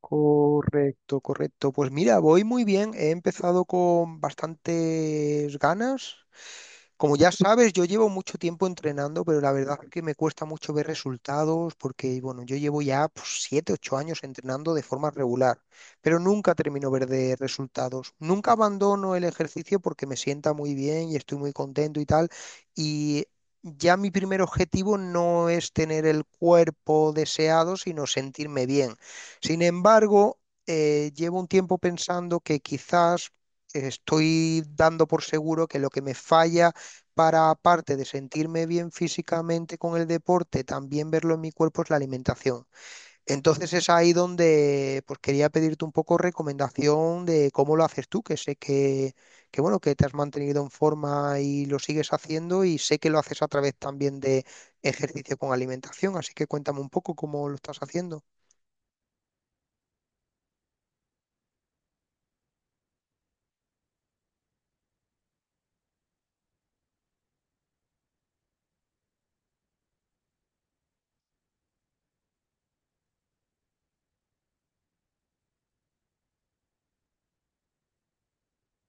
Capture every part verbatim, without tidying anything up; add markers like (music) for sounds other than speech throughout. Correcto, correcto. Pues mira, voy muy bien. He empezado con bastantes ganas. Como ya sabes, yo llevo mucho tiempo entrenando, pero la verdad es que me cuesta mucho ver resultados porque, bueno, yo llevo ya pues, siete, ocho años entrenando de forma regular, pero nunca termino ver de resultados. Nunca abandono el ejercicio porque me sienta muy bien y estoy muy contento y tal. Y ya mi primer objetivo no es tener el cuerpo deseado, sino sentirme bien. Sin embargo, eh, llevo un tiempo pensando que quizás estoy dando por seguro que lo que me falla para, aparte de sentirme bien físicamente con el deporte, también verlo en mi cuerpo es la alimentación. Entonces es ahí donde pues, quería pedirte un poco recomendación de cómo lo haces tú, que sé que, que, bueno, que te has mantenido en forma y lo sigues haciendo y sé que lo haces a través también de ejercicio con alimentación, así que cuéntame un poco cómo lo estás haciendo.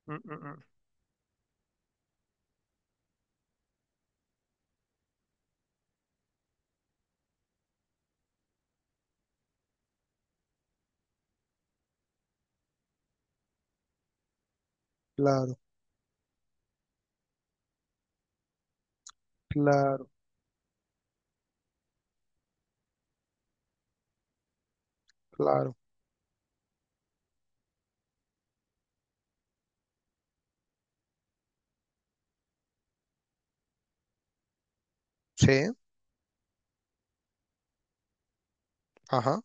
Mm, mm, mm. Claro. Claro, claro. Sí, ajá,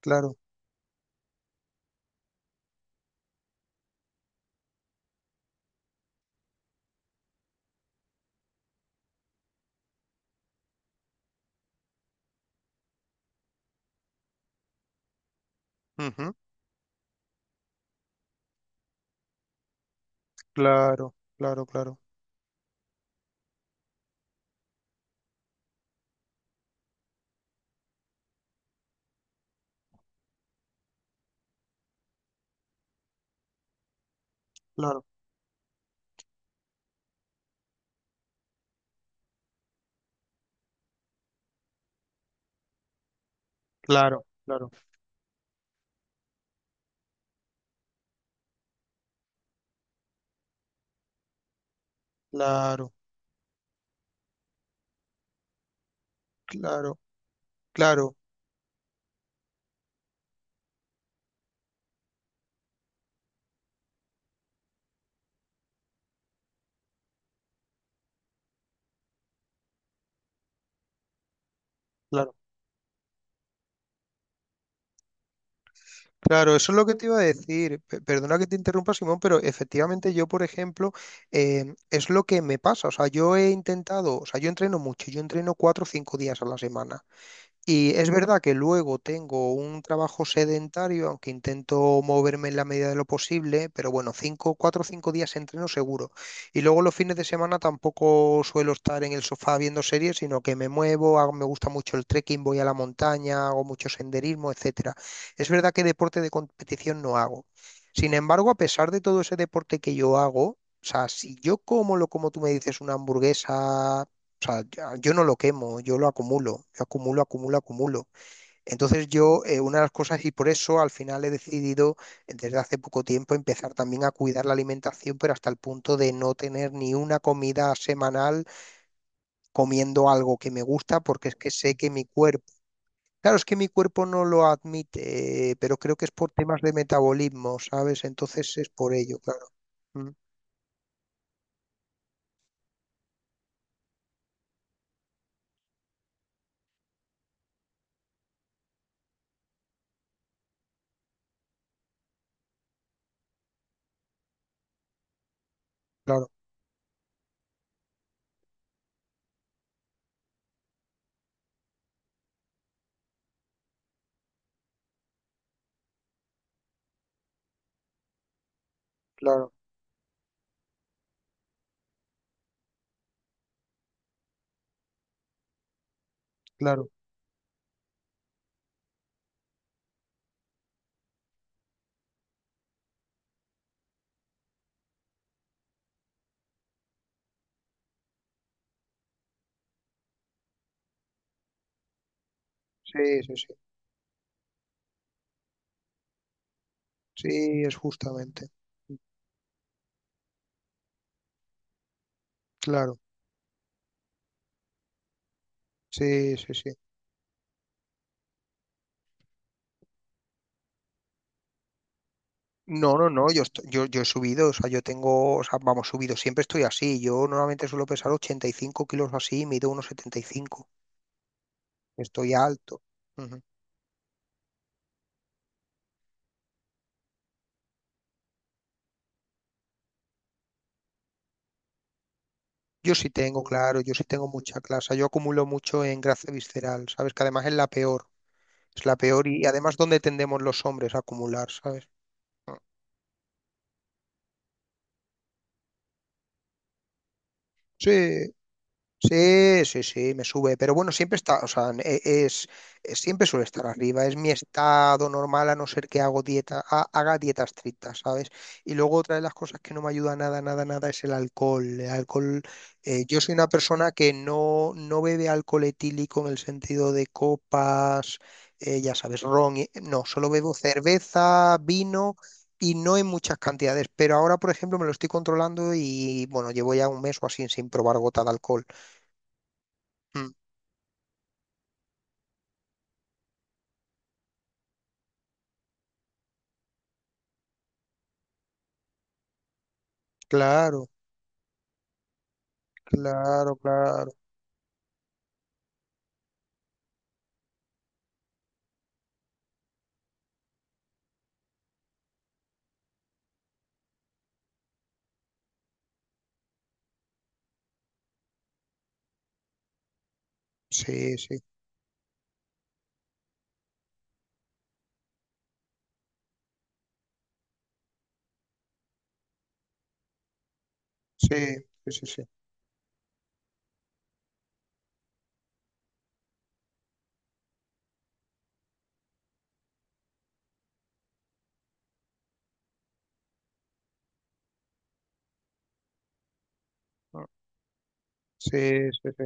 claro. ujú, Claro, claro, claro, claro, claro, claro, claro, claro, claro, claro. Claro, eso es lo que te iba a decir. Pe- Perdona que te interrumpa, Simón, pero efectivamente yo, por ejemplo, eh, es lo que me pasa. O sea, yo he intentado, o sea, yo entreno mucho, yo entreno cuatro o cinco días a la semana. Y es verdad que luego tengo un trabajo sedentario, aunque intento moverme en la medida de lo posible, pero bueno, cinco, cuatro o cinco días entreno seguro. Y luego los fines de semana tampoco suelo estar en el sofá viendo series, sino que me muevo, hago- me gusta mucho el trekking, voy a la montaña, hago mucho senderismo, etcétera. Es verdad que deporte de competición no hago. Sin embargo, a pesar de todo ese deporte que yo hago, o sea, si yo como lo como tú me dices, una hamburguesa o sea, ya- yo no lo quemo, yo lo acumulo, yo acumulo, acumulo, acumulo. Entonces yo, eh, una de las cosas, y por eso al final he decidido eh, desde hace poco tiempo empezar también a cuidar la alimentación, pero hasta el punto de no tener ni una comida semanal comiendo algo que me gusta, porque es que sé que mi cuerpo, claro, es que mi cuerpo no lo admite, eh, pero creo que es por temas de metabolismo, ¿sabes? Entonces es por ello, claro. Mm. Claro, claro, claro. Sí, sí, sí. Sí, es justamente. Claro. Sí, sí, sí. No, no, no, yo, esto- yo, yo he subido, o sea, yo tengo, o sea, vamos, subido, siempre estoy así. Yo normalmente suelo pesar ochenta y cinco kilos o así, mido unos cinco. Estoy alto. Ujú. Yo sí tengo, claro, yo sí tengo mucha clase, yo acumulo mucho en grasa visceral, ¿sabes? Que además es la peor, es la peor y, y además donde tendemos los hombres a acumular, ¿sabes? Sí, sí, sí, sí, me sube, pero bueno, siempre está, o sea, e- es, es- siempre suele estar arriba, es mi estado normal a no ser que hago dieta, ha- haga dieta estricta, ¿sabes? Y luego otra de las cosas que no me ayuda nada, nada, nada es el alcohol. El alcohol, eh, yo soy una persona que no, no bebe alcohol etílico en el sentido de copas, eh, ya sabes, ron, y- no, solo bebo cerveza, vino. Y no en muchas cantidades, pero ahora, por ejemplo, me lo estoy controlando y bueno, llevo ya un mes o así sin probar gota de alcohol. Mm. Claro, claro, claro. Sí, sí, sí, sí, sí, sí. Mm. Sí, sí, sí.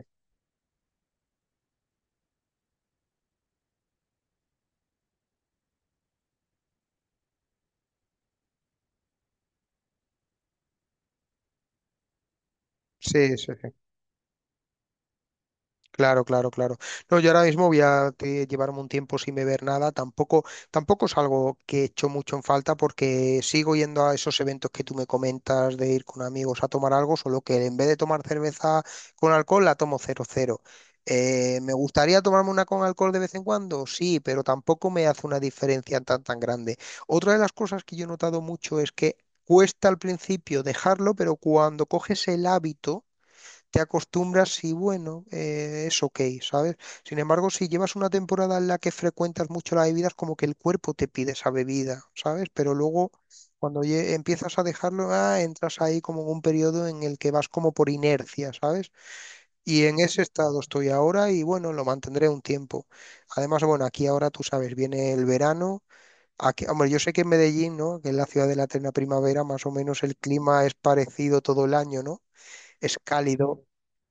Sí, sí, sí. Claro, claro, claro. No, yo ahora mismo voy a te- llevarme un tiempo sin beber nada. Tampoco, tampoco es algo que echo mucho en falta porque sigo yendo a esos eventos que tú me comentas de ir con amigos a tomar algo, solo que en vez de tomar cerveza con alcohol, la tomo cero cero. Eh, ¿me gustaría tomarme una con alcohol de vez en cuando? Sí, pero tampoco me hace una diferencia tan tan grande. Otra de las cosas que yo he notado mucho es que cuesta al principio dejarlo, pero cuando coges el hábito te acostumbras y bueno, eh, es ok, ¿sabes? Sin embargo, si llevas una temporada en la que frecuentas mucho las bebidas, como que el cuerpo te pide esa bebida, ¿sabes? Pero luego, cuando lle- empiezas a dejarlo, ah, entras ahí como en un periodo en el que vas como por inercia, ¿sabes? Y en ese estado estoy ahora y bueno, lo mantendré un tiempo. Además, bueno, aquí ahora tú sabes, viene el verano. Aquí, hombre, yo sé que en Medellín, ¿no? Que es la ciudad de la eterna primavera, más o menos el clima es parecido todo el año, ¿no? Es cálido,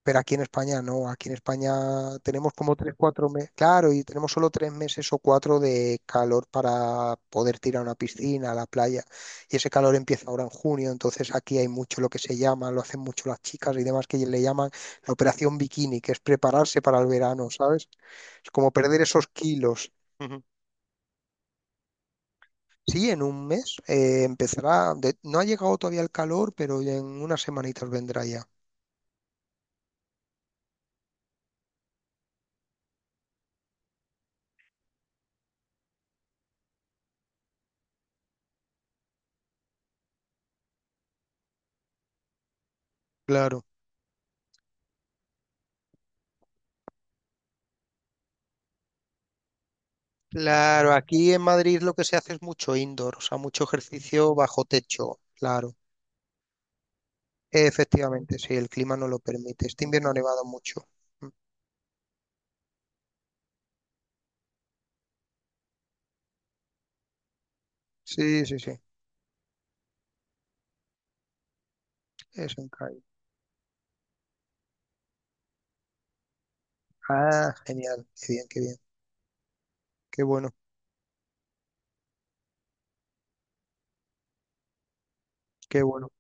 pero aquí en España no, aquí en España tenemos como tres, cuatro meses, claro, y tenemos solo tres meses o cuatro de calor para poder tirar a una piscina, a la playa, y ese calor empieza ahora en junio, entonces aquí hay mucho lo que se llama, lo hacen mucho las chicas y demás, que le llaman la operación bikini, que es prepararse para el verano, ¿sabes? Es como perder esos kilos. Ujú. Sí, en un mes eh, empezará. De- no ha llegado todavía el calor, pero en unas semanitas vendrá ya. Claro. Claro, aquí en Madrid lo que se hace es mucho indoor, o sea, mucho ejercicio bajo techo, claro. Efectivamente, sí, el clima no lo permite. Este invierno ha nevado mucho. Mm. Sí, sí, sí, es en Cádiz. Ah, genial, qué bien, qué bien, qué bueno, qué bueno.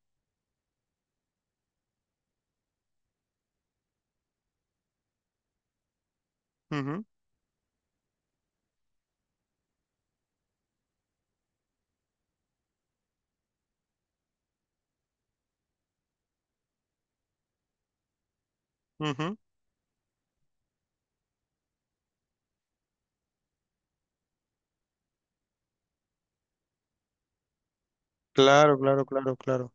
Ujú, ujú. Claro, claro, claro, claro.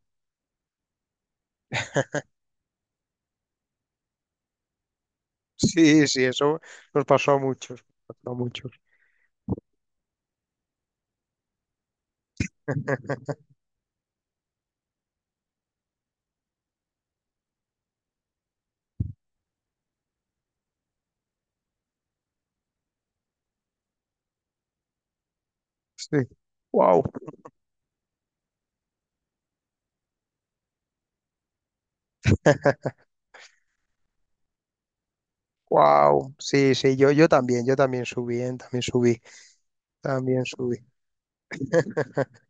Sí, sí, eso nos pasó a muchos, nos pasó a muchos. (laughs) Sí. Wow. Wow. (laughs) Sí, sí, yo, yo también, yo también subí, ¿eh? También subí, también subí. (laughs)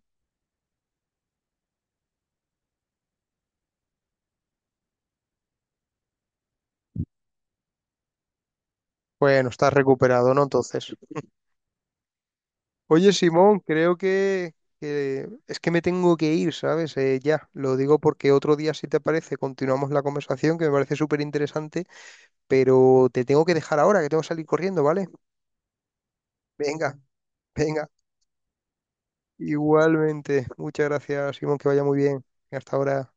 Bueno, estás recuperado, ¿no? Entonces. Oye, Simón, creo que, que- es que me tengo que ir, ¿sabes? Eh, ya, lo digo porque otro día, si te parece, continuamos la conversación, que me parece súper interesante, pero te tengo que dejar ahora, que tengo que salir corriendo, ¿vale? Venga, venga. Igualmente. Muchas gracias, Simón, que vaya muy bien. Hasta ahora.